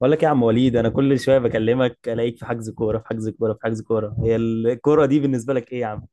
بقول لك يا عم وليد، انا كل شويه بكلمك الاقيك في حجز كوره في حجز كوره في حجز كوره. هي الكوره دي بالنسبه لك ايه يا عم؟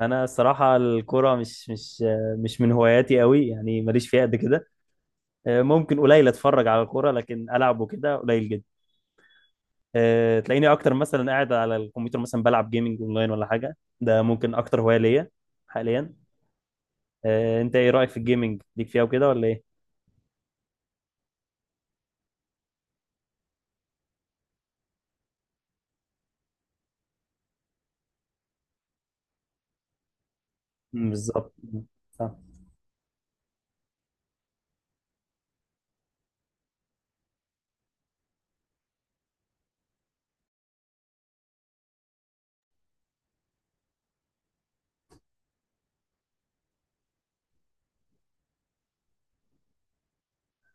انا الصراحه الكوره مش من هواياتي قوي، يعني ماليش فيها قد كده. ممكن قليل اتفرج على الكوره، لكن العب وكده قليل جدا. تلاقيني اكتر مثلا قاعد على الكمبيوتر مثلا بلعب جيمنج اونلاين ولا حاجه، ده ممكن اكتر هوايه ليا حاليا. انت ايه رايك في الجيمنج، ليك فيها وكده ولا ايه؟ مم، بالظبط.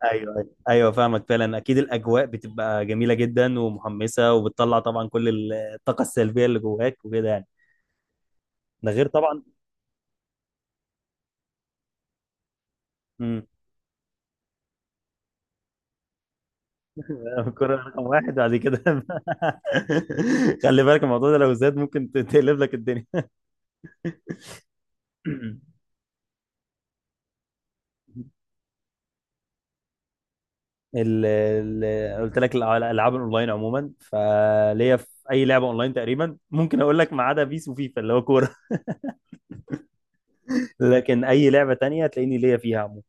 ايوه ايوه أيوة، فاهمك، فعلا اكيد الاجواء بتبقى جميله جدا ومحمسه، وبتطلع طبعا كل الطاقه السلبيه اللي جواك وكده يعني. ده غير طبعا. امم. الكره رقم واحد بعد كده. خلي بالك الموضوع ده لو زاد ممكن تقلب لك الدنيا. ال قلت لك الالعاب الاونلاين عموما، فليا في اي لعبه اونلاين تقريبا. ممكن اقول لك ما عدا بيس وفيفا اللي هو كوره. لكن اي لعبه تانية تلاقيني ليا فيها عموما.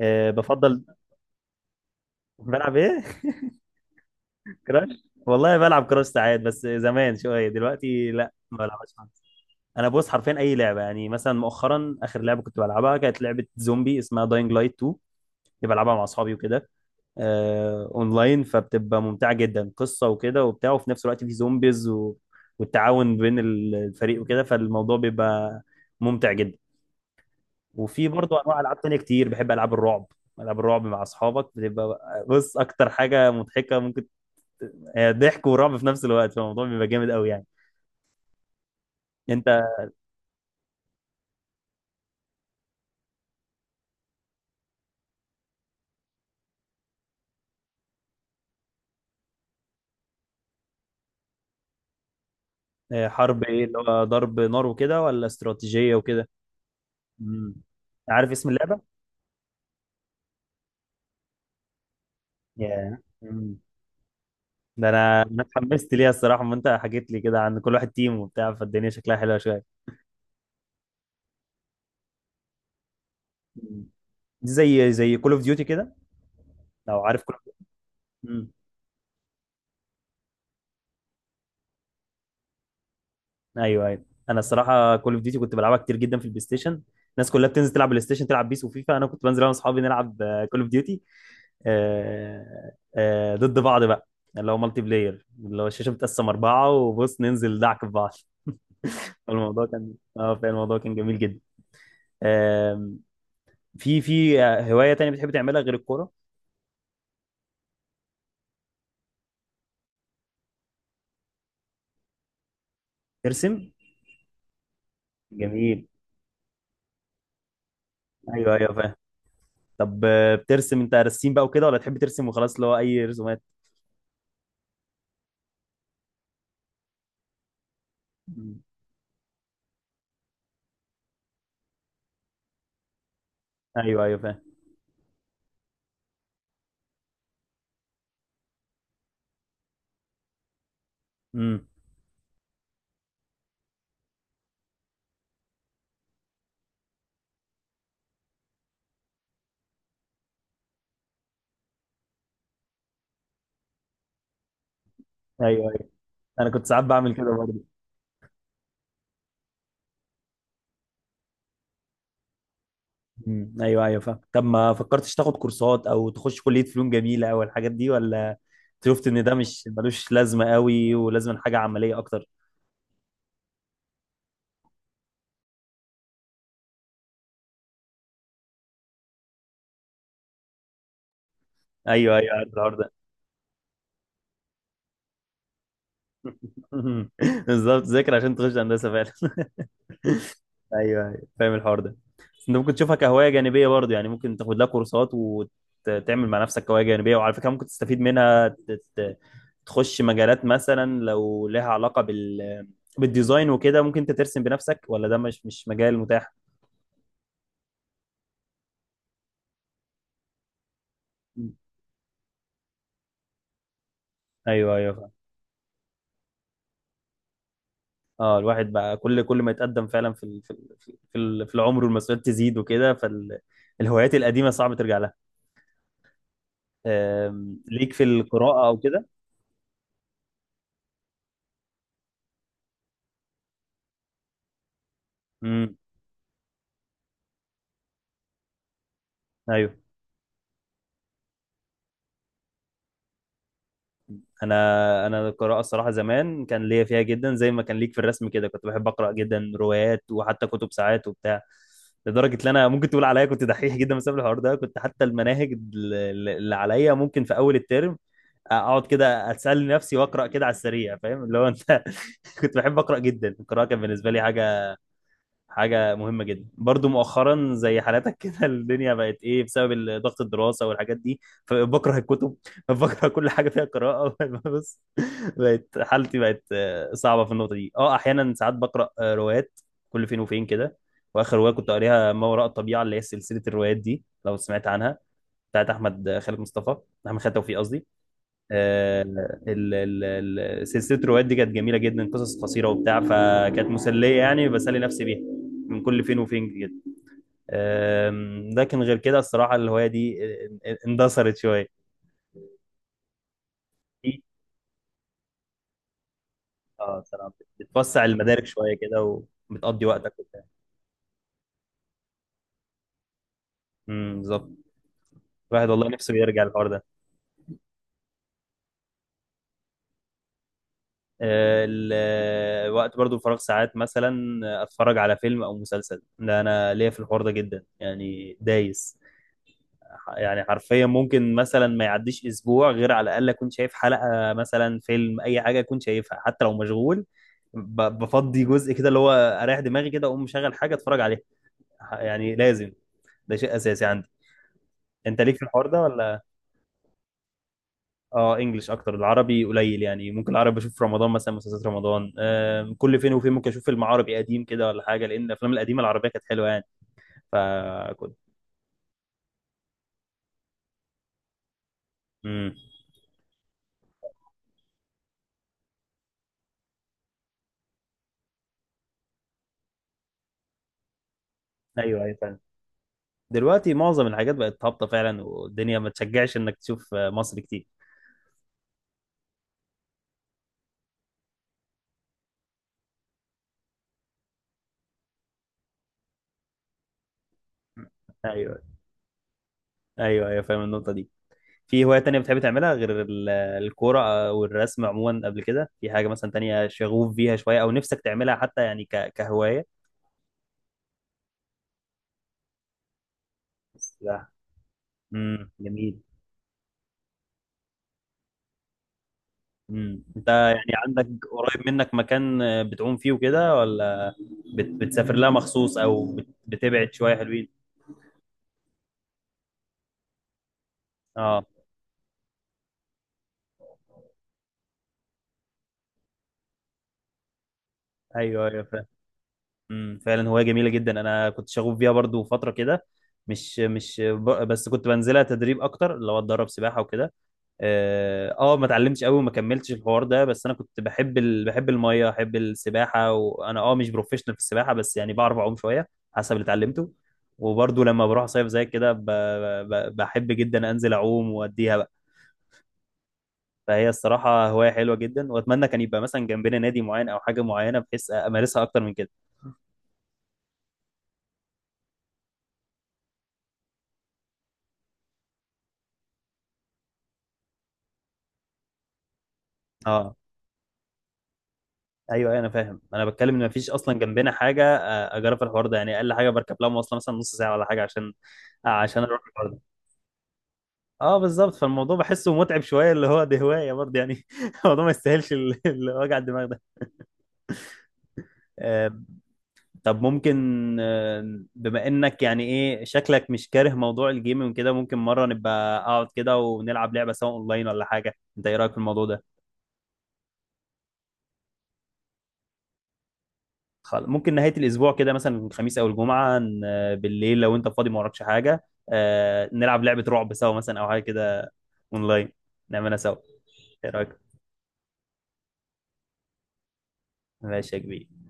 بفضل. بلعب ايه؟ كراش. والله بلعب كراش ساعات، بس زمان شويه، دلوقتي لا ما بلعبش خالص. انا بص حرفيا اي لعبه. يعني مثلا مؤخرا اخر لعبه كنت بلعبها كانت لعبه زومبي اسمها داينج لايت 2. كنت بلعبها مع اصحابي وكده، اونلاين، فبتبقى ممتعه جدا، قصه وكده وبتاع، وفي نفس الوقت في زومبيز والتعاون بين الفريق وكده، فالموضوع بيبقى ممتع جدا. وفي برضه انواع العاب تانية كتير، بحب العاب الرعب. العاب الرعب مع اصحابك بتبقى، بص، اكتر حاجه مضحكه ممكن، ضحك ورعب في نفس الوقت، فالموضوع بيبقى جامد قوي يعني. انت حرب ايه، اللي هو ضرب نار وكده ولا استراتيجية وكده؟ مم. عارف اسم اللعبة؟ ياه. مم. ده انا اتحمست ليها الصراحة، ما انت حكيت لي كده عن كل واحد تيم وبتاع، فالدنيا شكلها حلوة شوية. مم. دي زي كول اوف ديوتي كده، لو عارف كول. امم. ايوه ايوه، انا الصراحه كول اوف ديوتي كنت بلعبها كتير جدا في البلاي ستيشن. الناس كلها بتنزل تلعب بلاي ستيشن تلعب بيس وفيفا، انا كنت بنزل انا واصحابي نلعب كول اوف ديوتي، ضد بعض بقى، اللي هو مالتي بلاير، اللي هو الشاشه بتقسم اربعه وبص ننزل دعك في بعض. الموضوع كان، اه، فعلا الموضوع كان جميل جدا. آم، في هوايه تانية بتحب تعملها غير الكوره؟ ترسم. جميل. ايوه ايوه فاهم. طب بترسم انت، رسيم بقى وكده ولا تحب ترسم وخلاص، اللي هو اي رسومات؟ مم. ايوه ايوه فاهم. امم. ايوه ايوه، انا كنت ساعات بعمل كده برضه. مم. ايوه ايوه فاهم. طب ما فكرتش تاخد كورسات او تخش كلية فنون جميلة او الحاجات دي، ولا شفت ان ده مش ملوش لازمة قوي ولازم حاجة عملية اكتر؟ ايوه ايوه، عارف الحوار ده. بالظبط، ذاكر عشان تخش هندسة فعلا. ايوه ايوه فاهم الحوار ده. انت ممكن تشوفها كهوايه جانبيه برضه، يعني ممكن تاخد لها كورسات وتعمل مع نفسك هوايه جانبيه، وعلى فكره ممكن تستفيد منها، تخش مجالات، مثلا لو لها علاقه بال بالديزاين وكده ممكن انت ترسم بنفسك، ولا ده مش مجال متاح؟ ايوه ايوه فاهم. اه الواحد بقى كل ما يتقدم فعلا في العمر والمسؤوليات تزيد وكده، فالهوايات القديمه صعب ترجع لها. ليك في القراءه او كده؟ امم. انا القراءه الصراحه زمان كان ليا فيها جدا زي ما كان ليك في الرسم كده، كنت بحب اقرا جدا روايات وحتى كتب ساعات وبتاع، لدرجه ان انا ممكن تقول عليا كنت دحيح جدا بسبب الحوار ده. كنت حتى المناهج اللي عليا ممكن في اول الترم اقعد كده اتسلي نفسي واقرا كده على السريع، فاهم اللي هو انت. كنت بحب اقرا جدا، القراءه كان بالنسبه لي حاجه حاجة مهمة جدا. برضو مؤخرا زي حالاتك كده الدنيا بقت ايه بسبب ضغط الدراسة والحاجات دي، فبكره الكتب بكره كل حاجة فيها قراءة بس بقت حالتي بقت صعبة في النقطة دي. اه احيانا ساعات بقرأ روايات كل فين وفين كده. واخر رواية كنت قاريها ما وراء الطبيعة، اللي هي سلسلة الروايات دي لو سمعت عنها، بتاعت احمد خالد مصطفى، احمد خالد توفيق قصدي. آه، ال- ال- سلسله الروايات دي كانت جميله جدا، قصص قصيره وبتاع، فكانت مسليه، يعني بسلي نفسي بيها من كل فين وفين كده. لكن غير كده الصراحه الهوايه دي اندثرت شويه. دي- اه، صراحه بتوسع المدارك شويه كده، وبتقضي وقتك وبتاع. بالظبط. الواحد والله نفسه بيرجع الحوار ده. وقت برضو الفراغ ساعات مثلا اتفرج على فيلم او مسلسل. ده انا ليا في الحوار ده جدا يعني دايس. يعني حرفيا ممكن مثلا ما يعديش اسبوع غير على الاقل اكون شايف حلقه مثلا، فيلم، اي حاجه اكون شايفها. حتى لو مشغول بفضي جزء كده اللي هو اريح دماغي كده، اقوم مشغل حاجه اتفرج عليها. يعني لازم، ده شيء اساسي عندي. انت ليك في الحوار ده ولا؟ اه، انجلش اكتر، العربي قليل. يعني ممكن العربي بشوف في رمضان مثلا، مسلسلات رمضان. كل فين وفين ممكن اشوف فيلم عربي قديم كده ولا حاجه، لان الافلام القديمه العربيه كانت حلوه يعني، فكنت. امم. ايوه ايوه فاهم. دلوقتي معظم الحاجات بقت هابطه فعلا، والدنيا ما تشجعش انك تشوف مصر كتير. ايوه. ايوه ايوه فاهم النقطه دي. في هوايه تانية بتحب تعملها غير الكوره والرسم عموما؟ قبل كده في حاجه مثلا تانية شغوف بيها شويه او نفسك تعملها حتى يعني، كهوايه؟ السباحه. جميل. امم، انت يعني عندك قريب منك مكان بتعوم فيه وكده، ولا بتسافر لها مخصوص، او بتبعد شويه حلوين؟ اه. ايوه ايوه. امم، فعلا هواية جميلة جدا. انا كنت شغوف بيها برضو فترة كده، مش مش ب... بس كنت بنزلها تدريب اكتر، اللي هو اتدرب سباحة وكده، اه. ما اتعلمتش قوي وما كملتش الحوار ده، بس انا كنت بحب بحب المية، بحب السباحة، وانا اه مش بروفيشنال في السباحة، بس يعني بعرف اعوم شوية حسب اللي اتعلمته. وبرضو لما بروح صيف زي كده بحب جدا انزل اعوم واديها بقى. فهي الصراحة هواية حلوة جدا، واتمنى كان يبقى مثلا جنبنا نادي معين او حاجة معينة بحيث امارسها اكتر من كده. اه، ايوه أيوة، انا فاهم. انا بتكلم ان مفيش اصلا جنبنا حاجه اجرب في الحوار ده، يعني اقل حاجه بركب لها مواصله مثلا نص ساعه ولا حاجه عشان عشان اروح الحوار ده. اه بالظبط، فالموضوع بحسه متعب شويه، اللي هو دي هوايه برضه يعني. الموضوع ما يستاهلش وجع الدماغ ده. آه، طب ممكن بما انك يعني، ايه شكلك مش كاره موضوع الجيمنج كده، ممكن مره نبقى اقعد كده ونلعب لعبه سواء اونلاين ولا حاجه؟ انت ايه رايك في الموضوع ده؟ ممكن نهاية الأسبوع كده مثلا، الخميس أو الجمعة، بالليل لو أنت فاضي ما وراكش حاجة، نلعب لعبة رعب سوا مثلا أو حاجة كده، أونلاين، نعملها سوا. إيه رأيك؟ ماشي يا كبير.